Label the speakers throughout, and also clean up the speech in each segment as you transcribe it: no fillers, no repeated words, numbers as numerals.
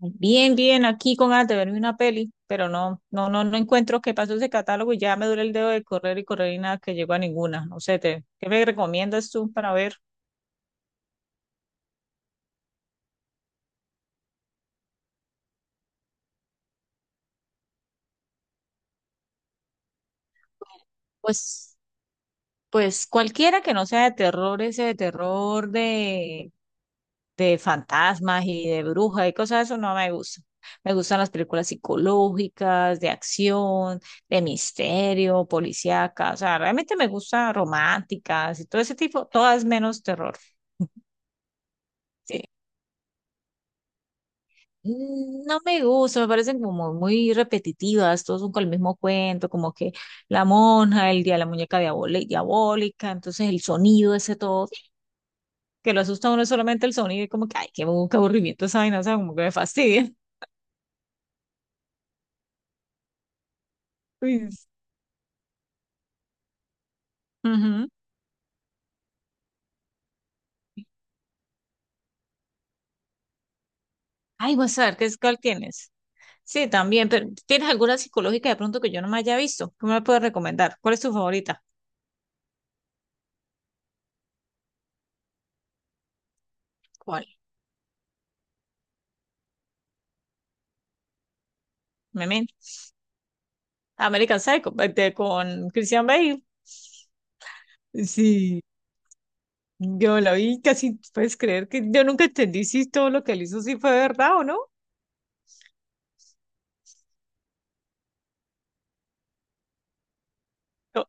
Speaker 1: Bien, bien, aquí con ganas de verme una peli, pero no encuentro qué pasó ese catálogo y ya me duele el dedo de correr y correr y nada que llego a ninguna. No sé, ¿qué me recomiendas tú para ver? Pues, pues cualquiera que no sea de terror, ese de terror de fantasmas y de brujas y cosas de eso no me gusta. Me gustan las películas psicológicas, de acción, de misterio, policíacas, o sea, realmente me gustan románticas y todo ese tipo, todas menos terror. Sí. No me gusta, me parecen como muy repetitivas, todos son con el mismo cuento, como que la monja, el día de la muñeca diabólica, entonces el sonido ese todo, que lo asusta a uno solamente el sonido y como que, ay, qué, qué aburrimiento esa vaina, o sea, como que me fastidia. Uy. Ujú. Ay, vas a ver, ¿qué es cuál tienes? Sí, también, pero ¿tienes alguna psicológica de pronto que yo no me haya visto? ¿Qué me puedes recomendar? ¿Cuál es tu favorita? ¿Cuál? Memento. American Psycho, este, con Christian Bale. Sí. Yo la vi casi, puedes creer que yo nunca entendí si todo lo que él hizo sí fue verdad o no. No,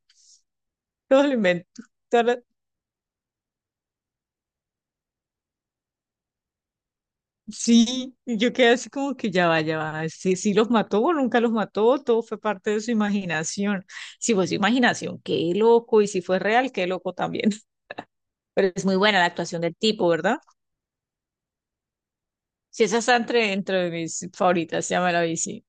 Speaker 1: todo lo invento. todo lo- Sí, y yo quedé así como que ya va, ya va. Sí, sí los mató o nunca los mató, todo fue parte de su imaginación. Si fue su imaginación, qué loco, y si fue real, qué loco también. Pero es muy buena la actuación del tipo, ¿verdad? Sí, esa está entre mis favoritas, ya me la vi, sí.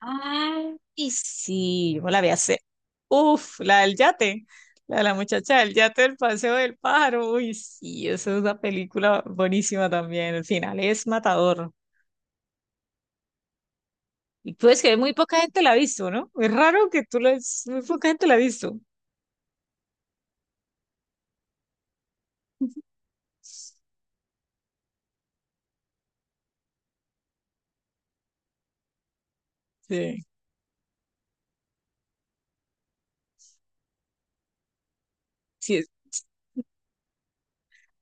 Speaker 1: Ay, y sí, yo la vi hace. Uf, la del yate, la de la muchacha del yate del Paseo del Pájaro. Uy, sí, esa es una película buenísima también. El final es matador. Y puedes que muy poca gente la ha visto, ¿no? Es raro que tú la... Muy poca gente la ha visto. Sí, sí, es,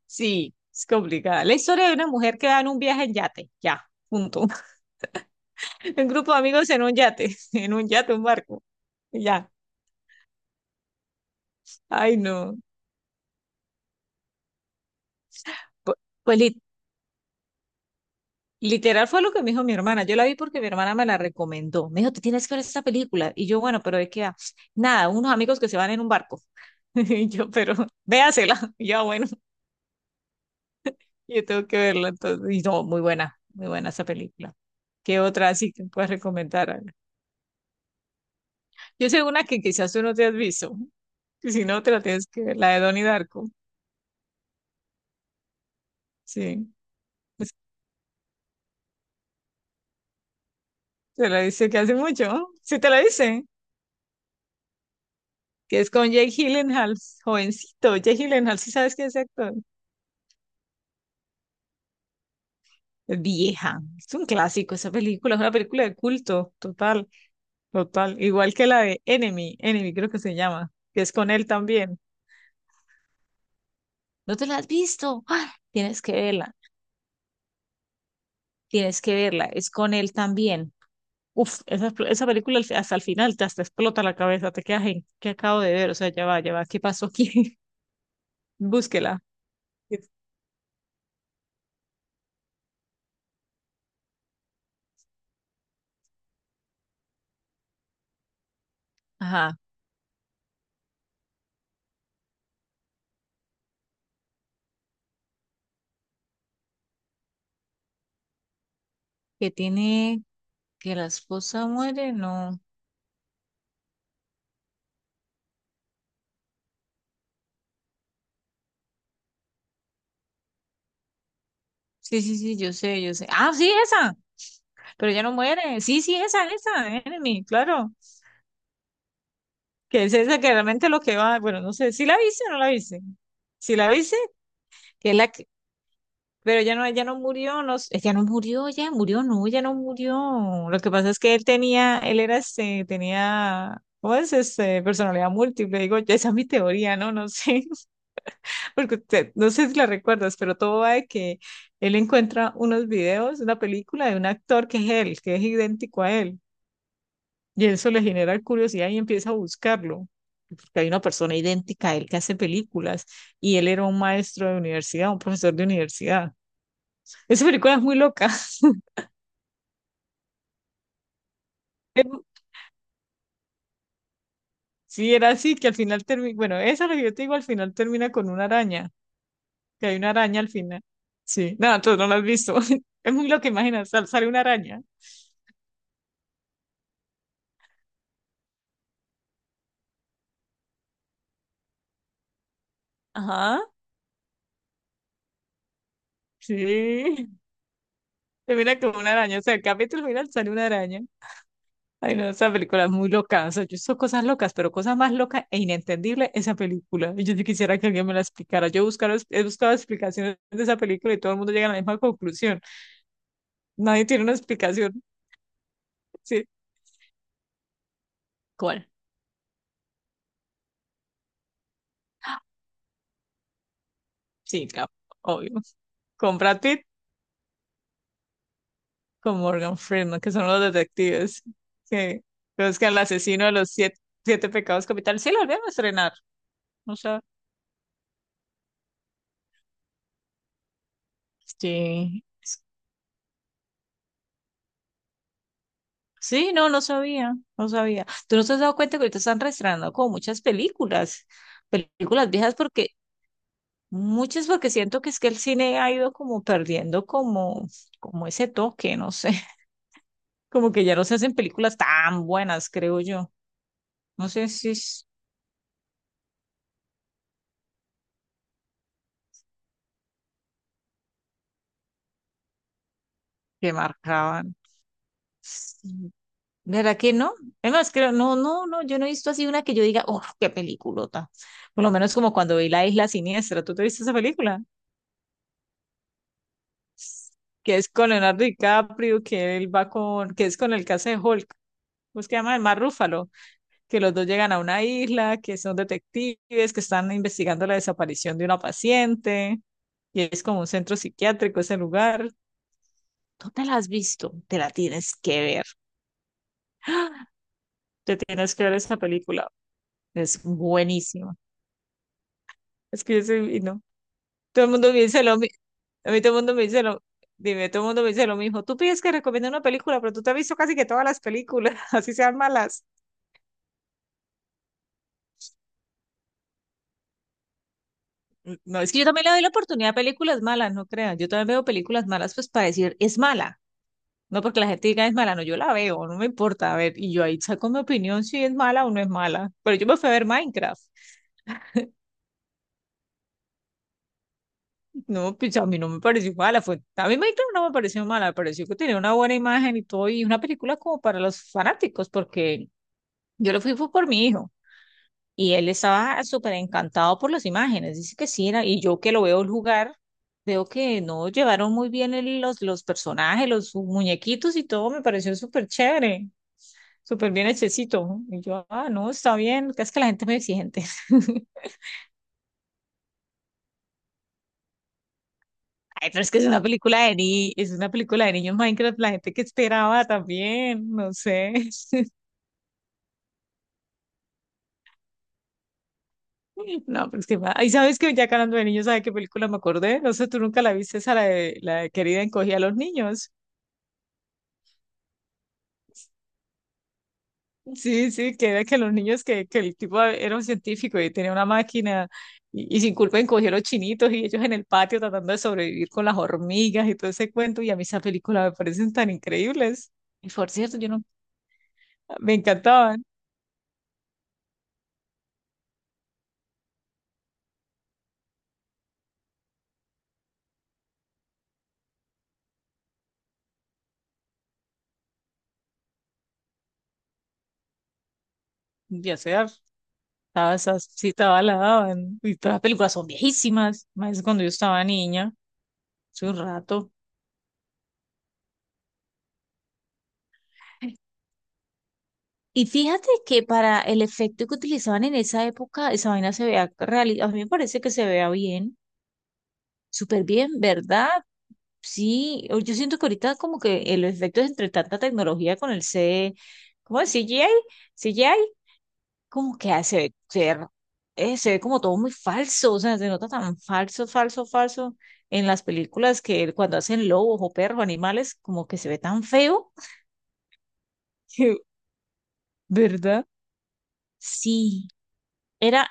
Speaker 1: sí, es complicada. La historia de una mujer que va en un viaje en yate, ya, punto. Un grupo de amigos en un yate, un barco, ya. Ay, no. Pues, pues literal fue lo que me dijo mi hermana. Yo la vi porque mi hermana me la recomendó. Me dijo, te tienes que ver esta película. Y yo, bueno, pero ¿de qué va? Nada, unos amigos que se van en un barco. Y yo, pero véasela. Y yo, "Ah, bueno, yo tengo que verla entonces. Y no, muy buena esa película. ¿Qué otra así que puedes recomendar? ¿Ana? Yo sé una que quizás tú no te has visto. Y si no, te la tienes que ver, la de Donnie Darko. Sí, Es- te la dice que hace mucho. ¿No? Sí, te la dice. Que es con Jake Gyllenhaal, jovencito. Jake Gyllenhaal, ¿sí sabes quién es ese actor? Vieja. Es un clásico esa película, es una película de culto, total, total. Igual que la de Enemy, Enemy creo que se llama, que es con él también. ¿No te la has visto? ¡Ah! Tienes que verla, es con él también. Uf, esa película hasta el final te hasta explota la cabeza, te quedas en, ¿qué acabo de ver? O sea, ya va, ¿qué pasó aquí? Búsquela. Ajá, que tiene, que la esposa muere, no. Sí, sí, sí, yo sé, yo sé. Ah, sí, esa. Pero ella no muere. Sí, sí, esa, Enemy, claro. Que es esa que realmente lo que va. Bueno, no sé, ¿si la viste o no la viste? Si la viste, que es la que. Pero ella no murió, ella no murió, ella murió, no, ella no murió. Lo que pasa es que él era este, tenía, ¿cómo es? Este, personalidad múltiple. Digo, ya esa es mi teoría, ¿no? No sé, porque no sé si la recuerdas, pero todo va de que él encuentra unos videos, una película de un actor que es él, que es idéntico a él. Y eso le genera curiosidad y empieza a buscarlo, porque hay una persona idéntica a él que hace películas y él era un maestro de universidad, un profesor de universidad. Esa película es muy loca. Pero sí, era así, que al final termina, bueno, esa es lo que yo te digo, al final termina con una araña, que hay una araña al final. Sí, no, tú no la has visto. Es muy loca que sale una araña. Ajá. Sí, termina con una araña, o sea, el capítulo final sale una araña. Ay, no, esa película es muy loca. O sea, yo hizo cosas locas, pero cosa más loca e inentendible esa película. Y yo sí quisiera que alguien me la explicara. He buscado explicaciones de esa película y todo el mundo llega a la misma conclusión. Nadie tiene una explicación. Sí. ¿Cuál? Sí, claro, obvio. Con Brad Pitt, con Morgan Freeman, que son los detectives que buscan al asesino de los siete, siete pecados capitales. Sí, la volvieron a estrenar. O sea, sí. Sí, no, no sabía, no sabía. ¿Tú no te has dado cuenta que ahorita están reestrenando como muchas películas, películas viejas porque muchas porque siento que es que el cine ha ido como perdiendo como ese toque, no sé, como que ya no se hacen películas tan buenas, creo yo. No sé si es que marcaban. Sí, ¿verdad que no? Es más, creo, yo no he visto así una que yo diga, oh, qué peliculota. Por lo menos como cuando vi La Isla Siniestra, ¿tú te viste esa película? Que es con Leonardo DiCaprio, que que es con el que hace de Hulk, ¿cómo es que se llama? El Mar Rúfalo, que los dos llegan a una isla, que son detectives, que están investigando la desaparición de una paciente, y es como un centro psiquiátrico ese lugar. ¿No te la has visto? Te la tienes que ver. ¡Ah! Te tienes que ver esa película. Es buenísima. Es que y no. Todo el mundo me dice lo mismo. A mí todo el mundo me dice lo Dime, todo el mundo me dice lo mismo. Tú pides que recomiende una película, pero tú te has visto casi que todas las películas, así sean malas. No, es que yo también le doy la oportunidad a películas malas, no crean. Yo también veo películas malas, pues para decir es mala. No porque la gente diga es mala, no, yo la veo, no me importa. A ver, y yo ahí saco mi opinión si es mala o no es mala. Pero yo me fui a ver Minecraft. No, pues a mí no me pareció mala. A mí Minecraft no me pareció mala, me pareció que tenía una buena imagen y todo. Y una película como para los fanáticos, porque yo lo fui fue por mi hijo. Y él estaba súper encantado por las imágenes, dice que sí, era, y yo que lo veo jugar, veo que no llevaron muy bien los personajes, los muñequitos y todo, me pareció súper chévere, súper bien hechecito. Y yo, ah, no, está bien, es que la gente es muy exigente. Ay, pero es que es una película de ni, es una película de niños Minecraft, la gente que esperaba también, no sé. No, pero es que, ahí sabes que ya que hablando de niños, ¿sabes qué película me acordé? No sé, tú nunca la viste, esa la de Querida encogía a los niños. Sí, sí, que era que los niños, que el tipo era un científico y tenía una máquina y sin culpa encogió los chinitos y ellos en el patio tratando de sobrevivir con las hormigas y todo ese cuento. Y a mí esas películas me parecen tan increíbles. Y por cierto, yo no, me encantaban. Ya sea, estaba esas, sí, estaba la daban. Y todas las películas son viejísimas, más cuando yo estaba niña, hace un rato. Y fíjate que para el efecto que utilizaban en esa época, esa vaina se vea real, a mí me parece que se vea bien. Súper bien, ¿verdad? Sí, yo siento que ahorita como que el efecto es entre tanta tecnología con el C, ¿cómo es? CGI, CGI, como que hace ser, se ve como todo muy falso, o sea, se nota tan falso, falso, falso en las películas que cuando hacen lobos o perros, animales, como que se ve tan feo, que- ¿verdad? Sí, era,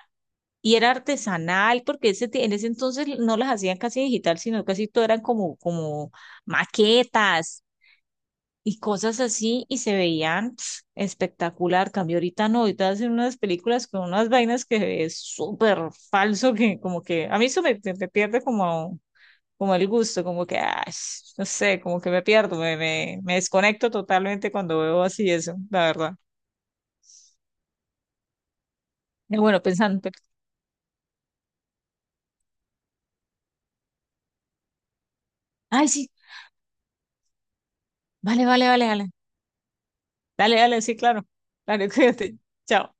Speaker 1: y era artesanal, porque en ese entonces no las hacían casi digital, sino casi todo eran como maquetas y cosas así y se veían pf, espectacular. Cambio ahorita no, ahorita hacen unas películas con unas vainas que es súper falso, que como que a mí eso me pierde como, como el gusto, como que, ah, no sé, como que me pierdo, me desconecto totalmente cuando veo así eso, la verdad. Y bueno, pensando, pero- ay, sí, vale, dale, dale, sí, claro, dale, cuídate, chao.